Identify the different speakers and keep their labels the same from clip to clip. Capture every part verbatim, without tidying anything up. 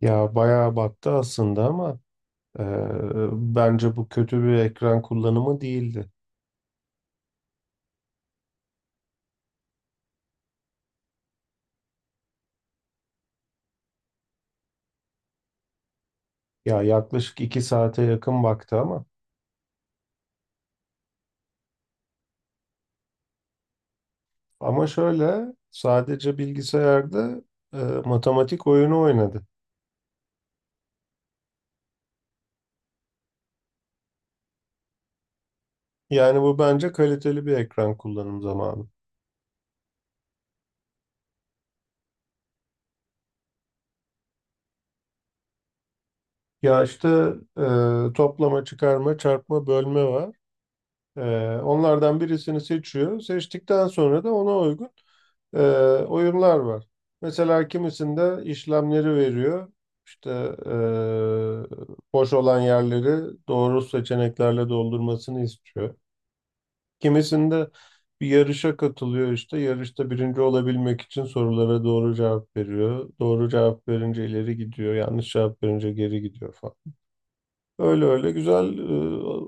Speaker 1: Ya bayağı battı aslında ama e, bence bu kötü bir ekran kullanımı değildi. Ya yaklaşık iki saate yakın baktı ama. Ama şöyle sadece bilgisayarda e, matematik oyunu oynadı. Yani bu bence kaliteli bir ekran kullanım zamanı. Ya işte e, toplama, çıkarma, çarpma, bölme var. E, Onlardan birisini seçiyor. Seçtikten sonra da ona uygun e, oyunlar var. Mesela kimisinde işlemleri veriyor. İşte e, boş olan yerleri doğru seçeneklerle doldurmasını istiyor. Kimisinde bir yarışa katılıyor işte. Yarışta birinci olabilmek için sorulara doğru cevap veriyor. Doğru cevap verince ileri gidiyor. Yanlış cevap verince geri gidiyor falan. Öyle öyle güzel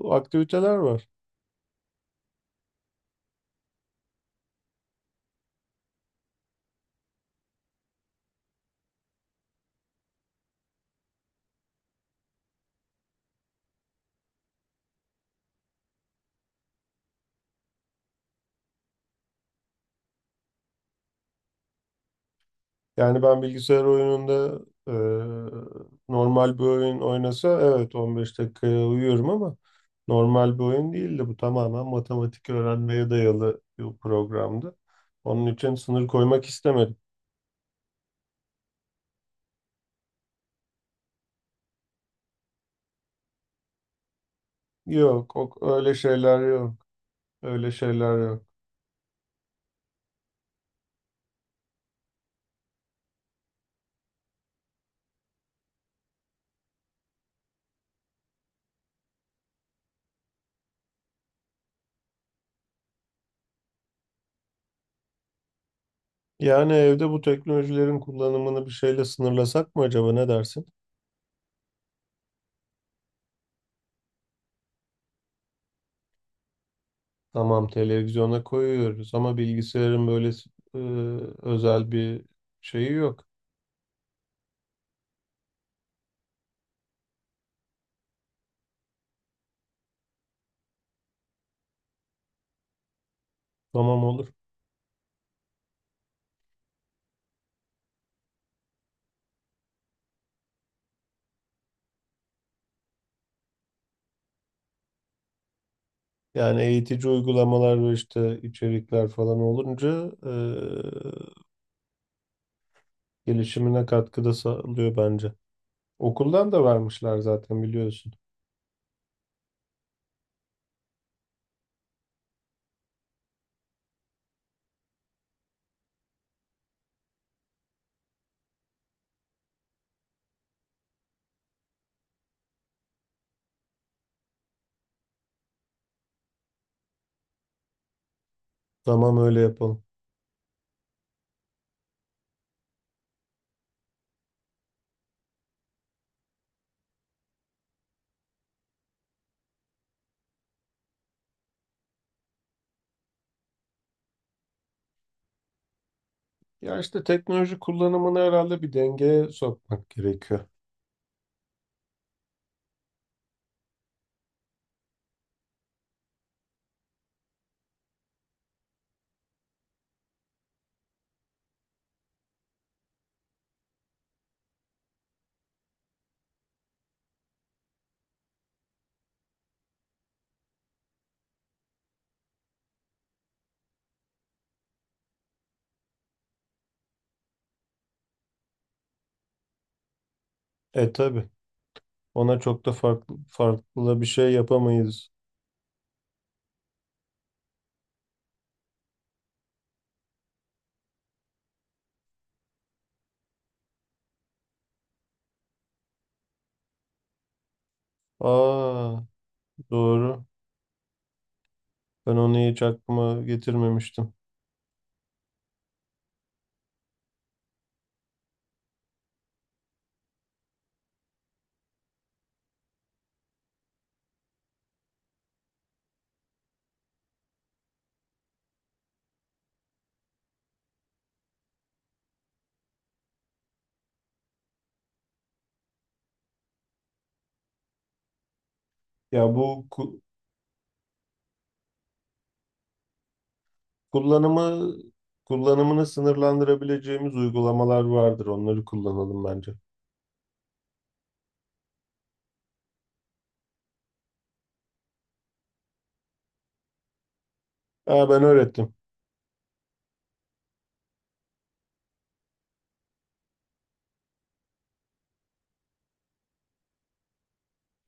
Speaker 1: e, aktiviteler var. Yani ben bilgisayar oyununda e, normal bir oyun oynasa evet on beş dakikaya uyuyorum ama normal bir oyun değildi. Bu tamamen matematik öğrenmeye dayalı bir programdı. Onun için sınır koymak istemedim. Yok, o- öyle şeyler yok. Öyle şeyler yok. Yani evde bu teknolojilerin kullanımını bir şeyle sınırlasak mı acaba ne dersin? Tamam, televizyona koyuyoruz ama bilgisayarın böyle e, özel bir şeyi yok. Tamam, olur. Yani eğitici uygulamalar ve işte içerikler falan olunca e, gelişimine katkıda sağlıyor bence. Okuldan da vermişler zaten biliyorsun. Tamam, öyle yapalım. Ya işte teknoloji kullanımını herhalde bir dengeye sokmak gerekiyor. E tabii, ona çok da farklı farklı bir şey yapamayız. Aa, doğru. Ben onu hiç aklıma getirmemiştim. Ya bu ku- Kullanımı kullanımını sınırlandırabileceğimiz uygulamalar vardır. Onları kullanalım bence. Aa, ben öğrettim.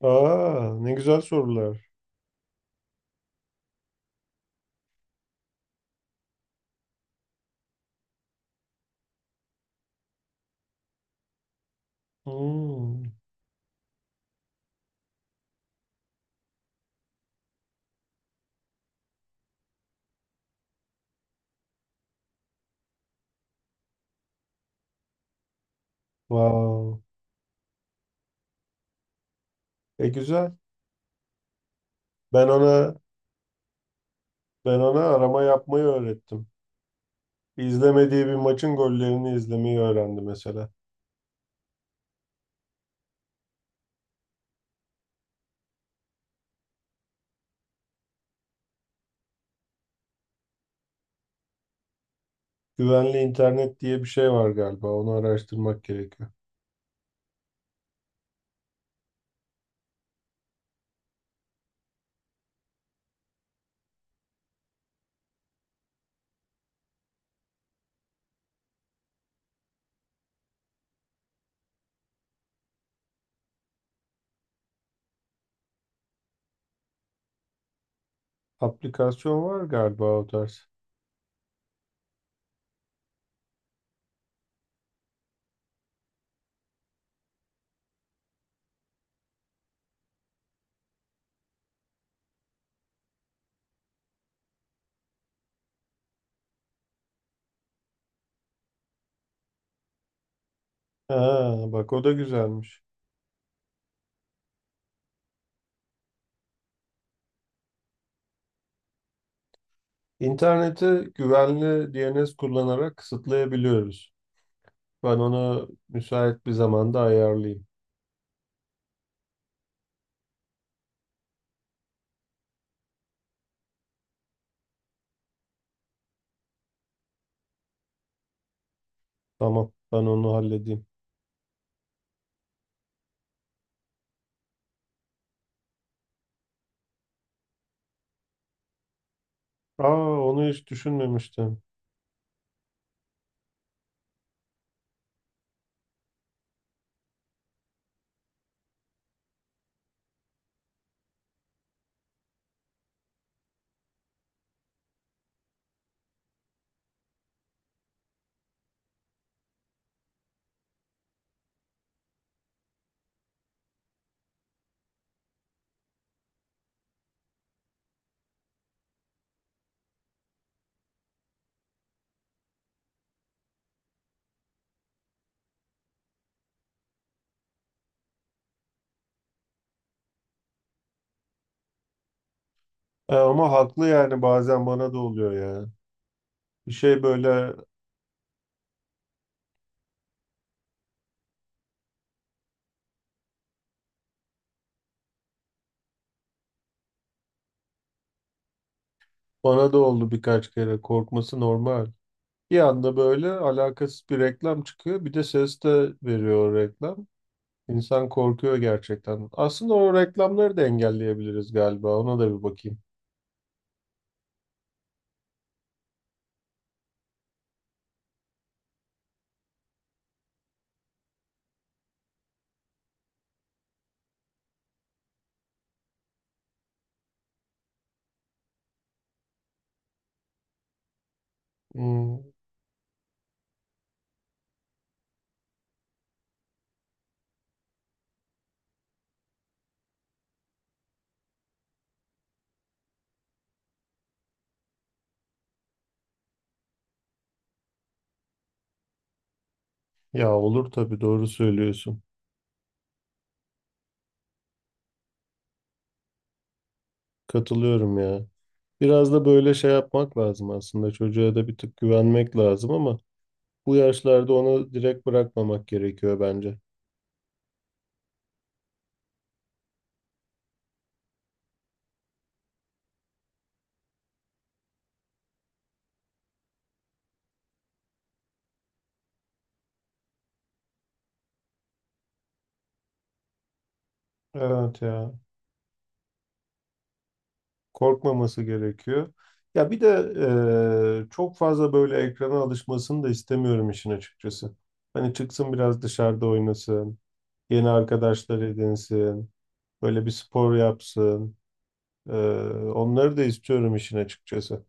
Speaker 1: Aa, ne güzel sorular. Hmm, wow. E güzel. Ben ona ben ona arama yapmayı öğrettim. İzlemediği bir maçın gollerini izlemeyi öğrendi mesela. Güvenli internet diye bir şey var galiba. Onu araştırmak gerekiyor. Aplikasyon var galiba o tarz. Ha, bak o da güzelmiş. İnterneti güvenli D N S kullanarak kısıtlayabiliyoruz. Ben ona müsait bir zamanda ayarlayayım. Tamam, ben onu halledeyim. Aa, onu hiç düşünmemiştim. E, ama haklı yani bazen bana da oluyor ya. Bir şey böyle bana da oldu birkaç kere. Korkması normal. Bir anda böyle alakasız bir reklam çıkıyor. Bir de ses de veriyor o reklam. İnsan korkuyor gerçekten. Aslında o reklamları da engelleyebiliriz galiba. Ona da bir bakayım. Hmm. Ya, olur tabii, doğru söylüyorsun. Katılıyorum ya. Biraz da böyle şey yapmak lazım aslında. Çocuğa da bir tık güvenmek lazım ama bu yaşlarda onu direkt bırakmamak gerekiyor bence. Evet ya. Korkmaması gerekiyor. Ya bir de eee, çok fazla böyle ekrana alışmasını da istemiyorum işin açıkçası. Hani çıksın biraz dışarıda oynasın, yeni arkadaşlar edinsin, böyle bir spor yapsın. Eee, onları da istiyorum işin açıkçası.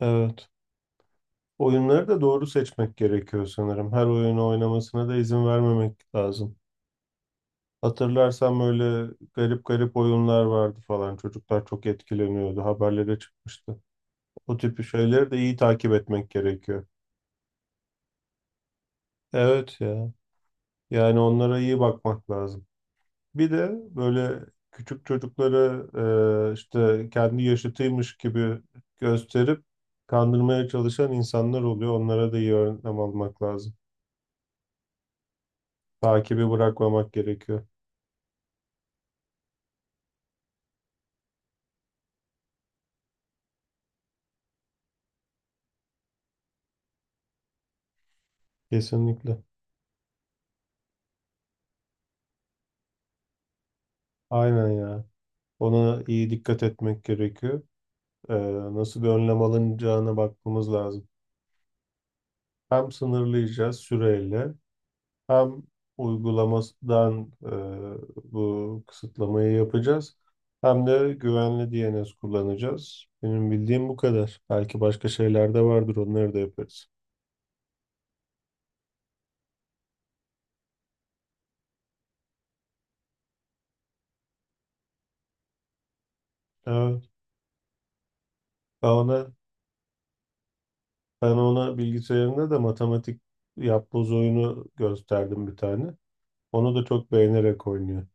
Speaker 1: Evet. Oyunları da doğru seçmek gerekiyor sanırım. Her oyunu oynamasına da izin vermemek lazım. Hatırlarsam öyle garip garip oyunlar vardı falan. Çocuklar çok etkileniyordu. Haberlere çıkmıştı. O tip şeyleri de iyi takip etmek gerekiyor. Evet ya. Yani onlara iyi bakmak lazım. Bir de böyle küçük çocuklara e, işte kendi yaşıtıymış gibi gösterip kandırmaya çalışan insanlar oluyor. Onlara da iyi önlem almak lazım. Takibi bırakmamak gerekiyor. Kesinlikle. Aynen ya. Ona iyi dikkat etmek gerekiyor. Ee, nasıl bir önlem alınacağına bakmamız lazım. Hem sınırlayacağız süreyle, hem uygulamasından e, bu kısıtlamayı yapacağız. Hem de güvenli D N S kullanacağız. Benim bildiğim bu kadar. Belki başka şeyler de vardır. Onları da yaparız. Evet. Ben ona, ben ona bilgisayarında da matematik yapboz oyunu gösterdim bir tane. Onu da çok beğenerek oynuyor.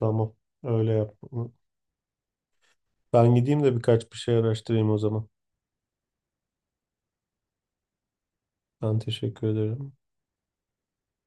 Speaker 1: Tamam. Öyle yap. Ben gideyim de birkaç bir şey araştırayım o zaman. Ben teşekkür ederim.